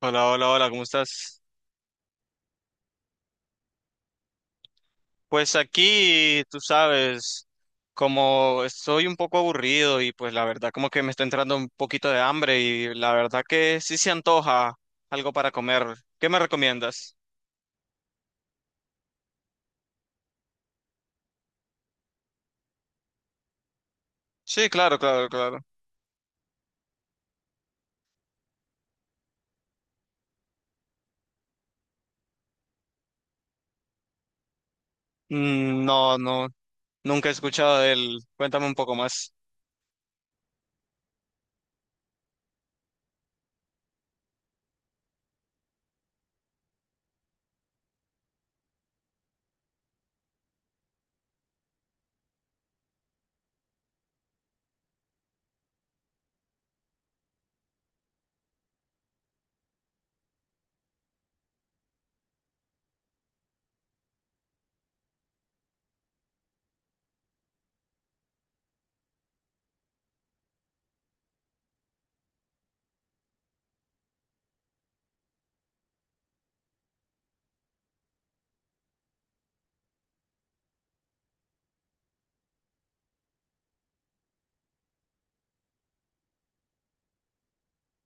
Hola, hola, hola, ¿cómo estás? Pues aquí, tú sabes, como estoy un poco aburrido y pues la verdad como que me está entrando un poquito de hambre y la verdad que sí se antoja algo para comer. ¿Qué me recomiendas? Sí, claro, claro, claro. Mm, no, no, nunca he escuchado de él. Cuéntame un poco más.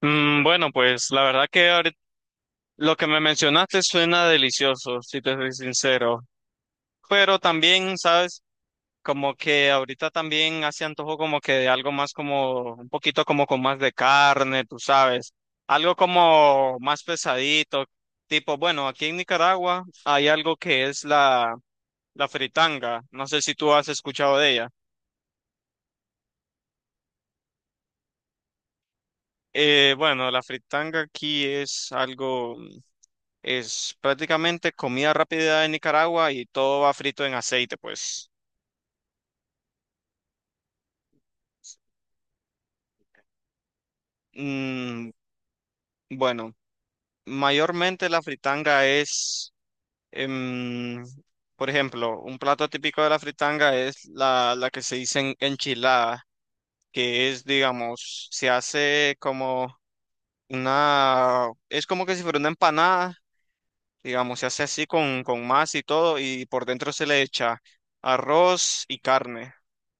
Mm, bueno, pues la verdad que lo que me mencionaste suena delicioso, si te soy sincero. Pero también, ¿sabes? Como que ahorita también hace antojo como que de algo más como, un poquito como con más de carne, tú sabes, algo como más pesadito, tipo, bueno, aquí en Nicaragua hay algo que es la fritanga, no sé si tú has escuchado de ella. Bueno, la fritanga aquí es algo, es prácticamente comida rápida de Nicaragua y todo va frito en aceite, pues. Mm, bueno, mayormente la fritanga es... em, por ejemplo, un plato típico de la fritanga es la que se dice enchilada, que es, digamos, se hace como una, es como que si fuera una empanada, digamos, se hace así con masa y todo, y por dentro se le echa arroz y carne,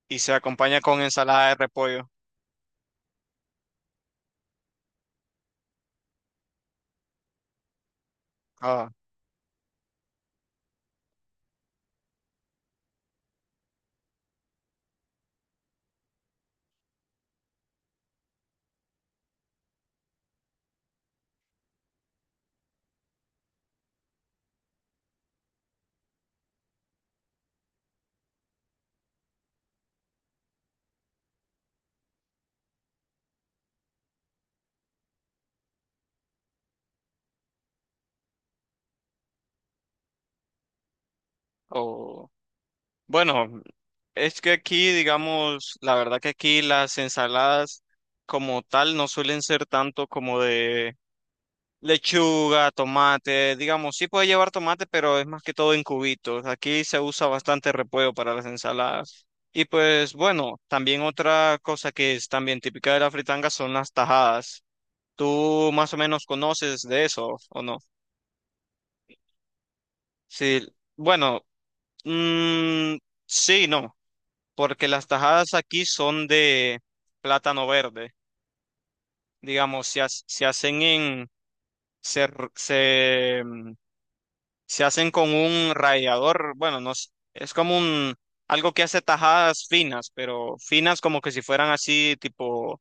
y se acompaña con ensalada de repollo. Ah. O, bueno, es que aquí, digamos, la verdad que aquí las ensaladas como tal no suelen ser tanto como de lechuga, tomate, digamos, sí puede llevar tomate, pero es más que todo en cubitos. Aquí se usa bastante repollo para las ensaladas. Y pues bueno, también otra cosa que es también típica de la fritanga son las tajadas. ¿Tú más o menos conoces de eso o no? Sí, bueno, mm, sí, no, porque las tajadas aquí son de plátano verde. Digamos, se hacen en, se, r- se se hacen con un rallador, bueno, no s- es como un algo que hace tajadas finas, pero finas como que si fueran así tipo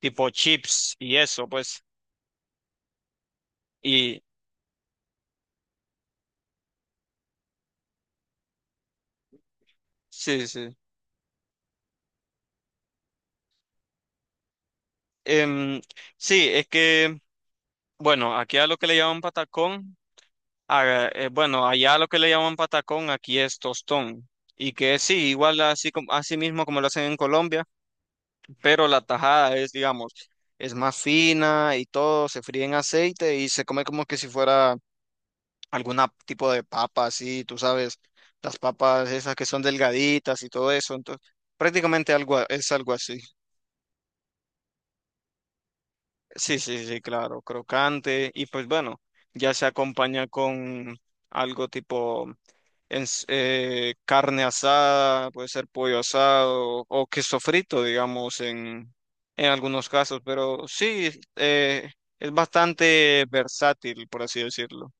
tipo chips y eso, pues. Y sí, sí. Em, sí, es que bueno, aquí a lo que le llaman patacón, bueno, allá a lo que le llaman patacón, aquí es tostón. Y que sí, igual así como así mismo como lo hacen en Colombia, pero la tajada es, digamos, es más fina y todo, se fríe en aceite y se come como que si fuera algún tipo de papa así, tú sabes, las papas esas que son delgaditas y todo eso, entonces prácticamente es algo así. Sí, sí, sí, claro, crocante y pues bueno, ya se acompaña con algo tipo carne asada, puede ser pollo asado o queso frito, digamos, en algunos casos, pero sí, es bastante versátil, por así decirlo.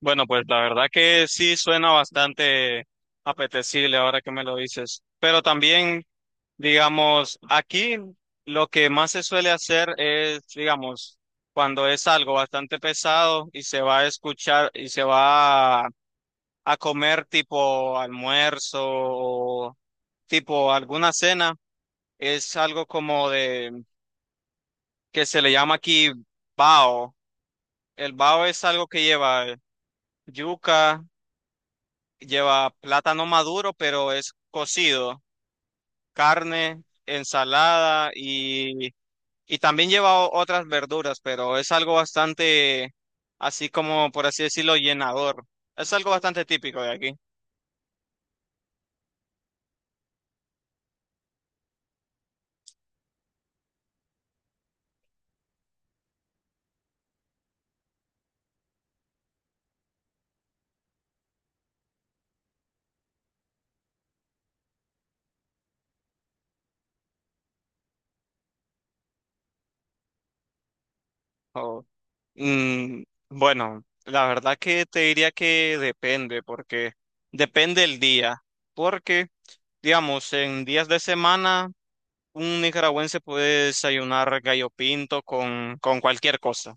Bueno, pues la verdad que sí suena bastante apetecible ahora que me lo dices. Pero también, digamos, aquí lo que más se suele hacer es, digamos, cuando es algo bastante pesado y se va a escuchar y se va a comer tipo almuerzo o tipo alguna cena, es algo como de que se le llama aquí bao. El bao es algo que lleva yuca. Lleva plátano maduro, pero es cocido, carne, ensalada y también lleva otras verduras, pero es algo bastante, así como por así decirlo, llenador. Es algo bastante típico de aquí. Oh, mm, bueno, la verdad que te diría que depende, porque depende el día, porque, digamos, en días de semana, un nicaragüense puede desayunar gallo pinto con cualquier cosa.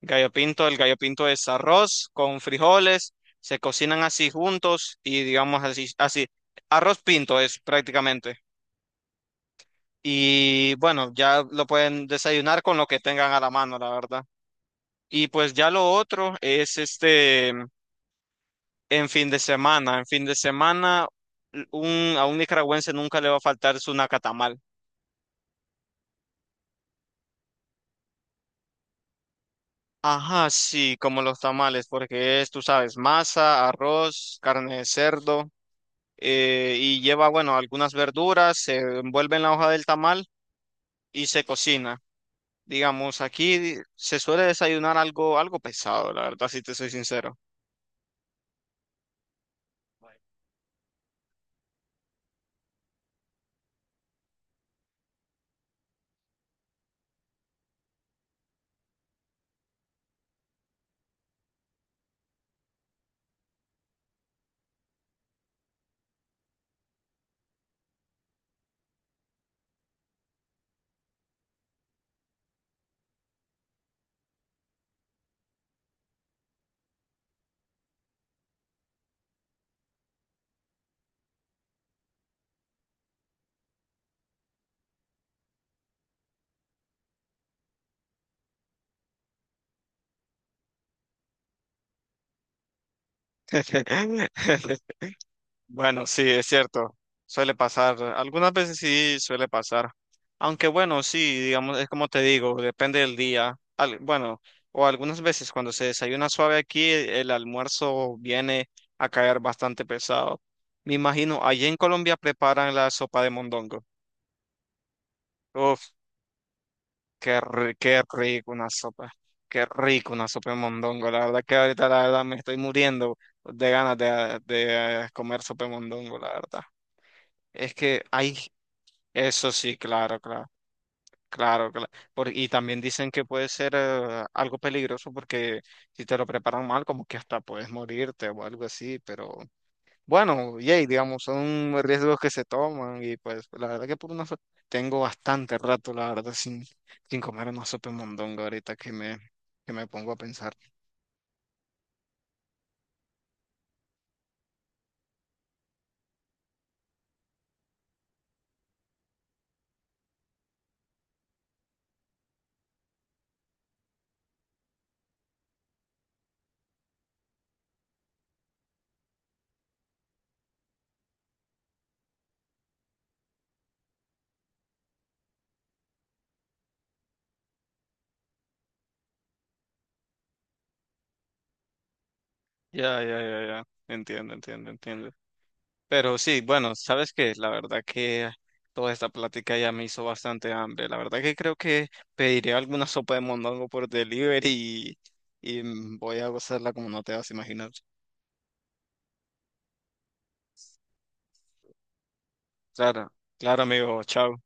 Gallo pinto, el gallo pinto es arroz con frijoles, se cocinan así juntos y digamos así, así, arroz pinto es prácticamente. Y bueno, ya lo pueden desayunar con lo que tengan a la mano, la verdad. Y pues ya lo otro es este, en fin de semana, en fin de semana, un, a un nicaragüense nunca le va a faltar su nacatamal. Ajá, sí, como los tamales, porque es, tú sabes, masa, arroz, carne de cerdo. Y lleva, bueno, algunas verduras, se envuelve en la hoja del tamal y se cocina. Digamos, aquí se suele desayunar algo, algo pesado, la verdad, si te soy sincero. Bueno, sí, es cierto. Suele pasar. Algunas veces sí suele pasar. Aunque bueno, sí, digamos, es como te digo, depende del día. Bueno, o algunas veces cuando se desayuna suave aquí, el almuerzo viene a caer bastante pesado. Me imagino, allí en Colombia preparan la sopa de mondongo. Uf, qué rico una sopa. Qué rico una sopa de mondongo. La verdad que ahorita la verdad me estoy muriendo de ganas de, de comer sopa de mondongo, la verdad. Es que hay eso sí, claro, claro, claro, claro. Y también dicen que puede ser algo peligroso porque si te lo preparan mal, como que hasta puedes morirte o algo así, pero bueno, yay, digamos, son riesgos que se toman y pues la verdad que tengo bastante rato, la verdad, sin, sin comer una sopa de mondongo ahorita que me pongo a pensar. Ya, ya, ya, ya. Entiendo, entiendo, entiendo. Pero sí, bueno, sabes que la verdad que toda esta plática ya me hizo bastante hambre. La verdad que creo que pediré alguna sopa de mondongo por delivery y voy a gozarla como no te vas a imaginar. Claro, claro, amigo, chao.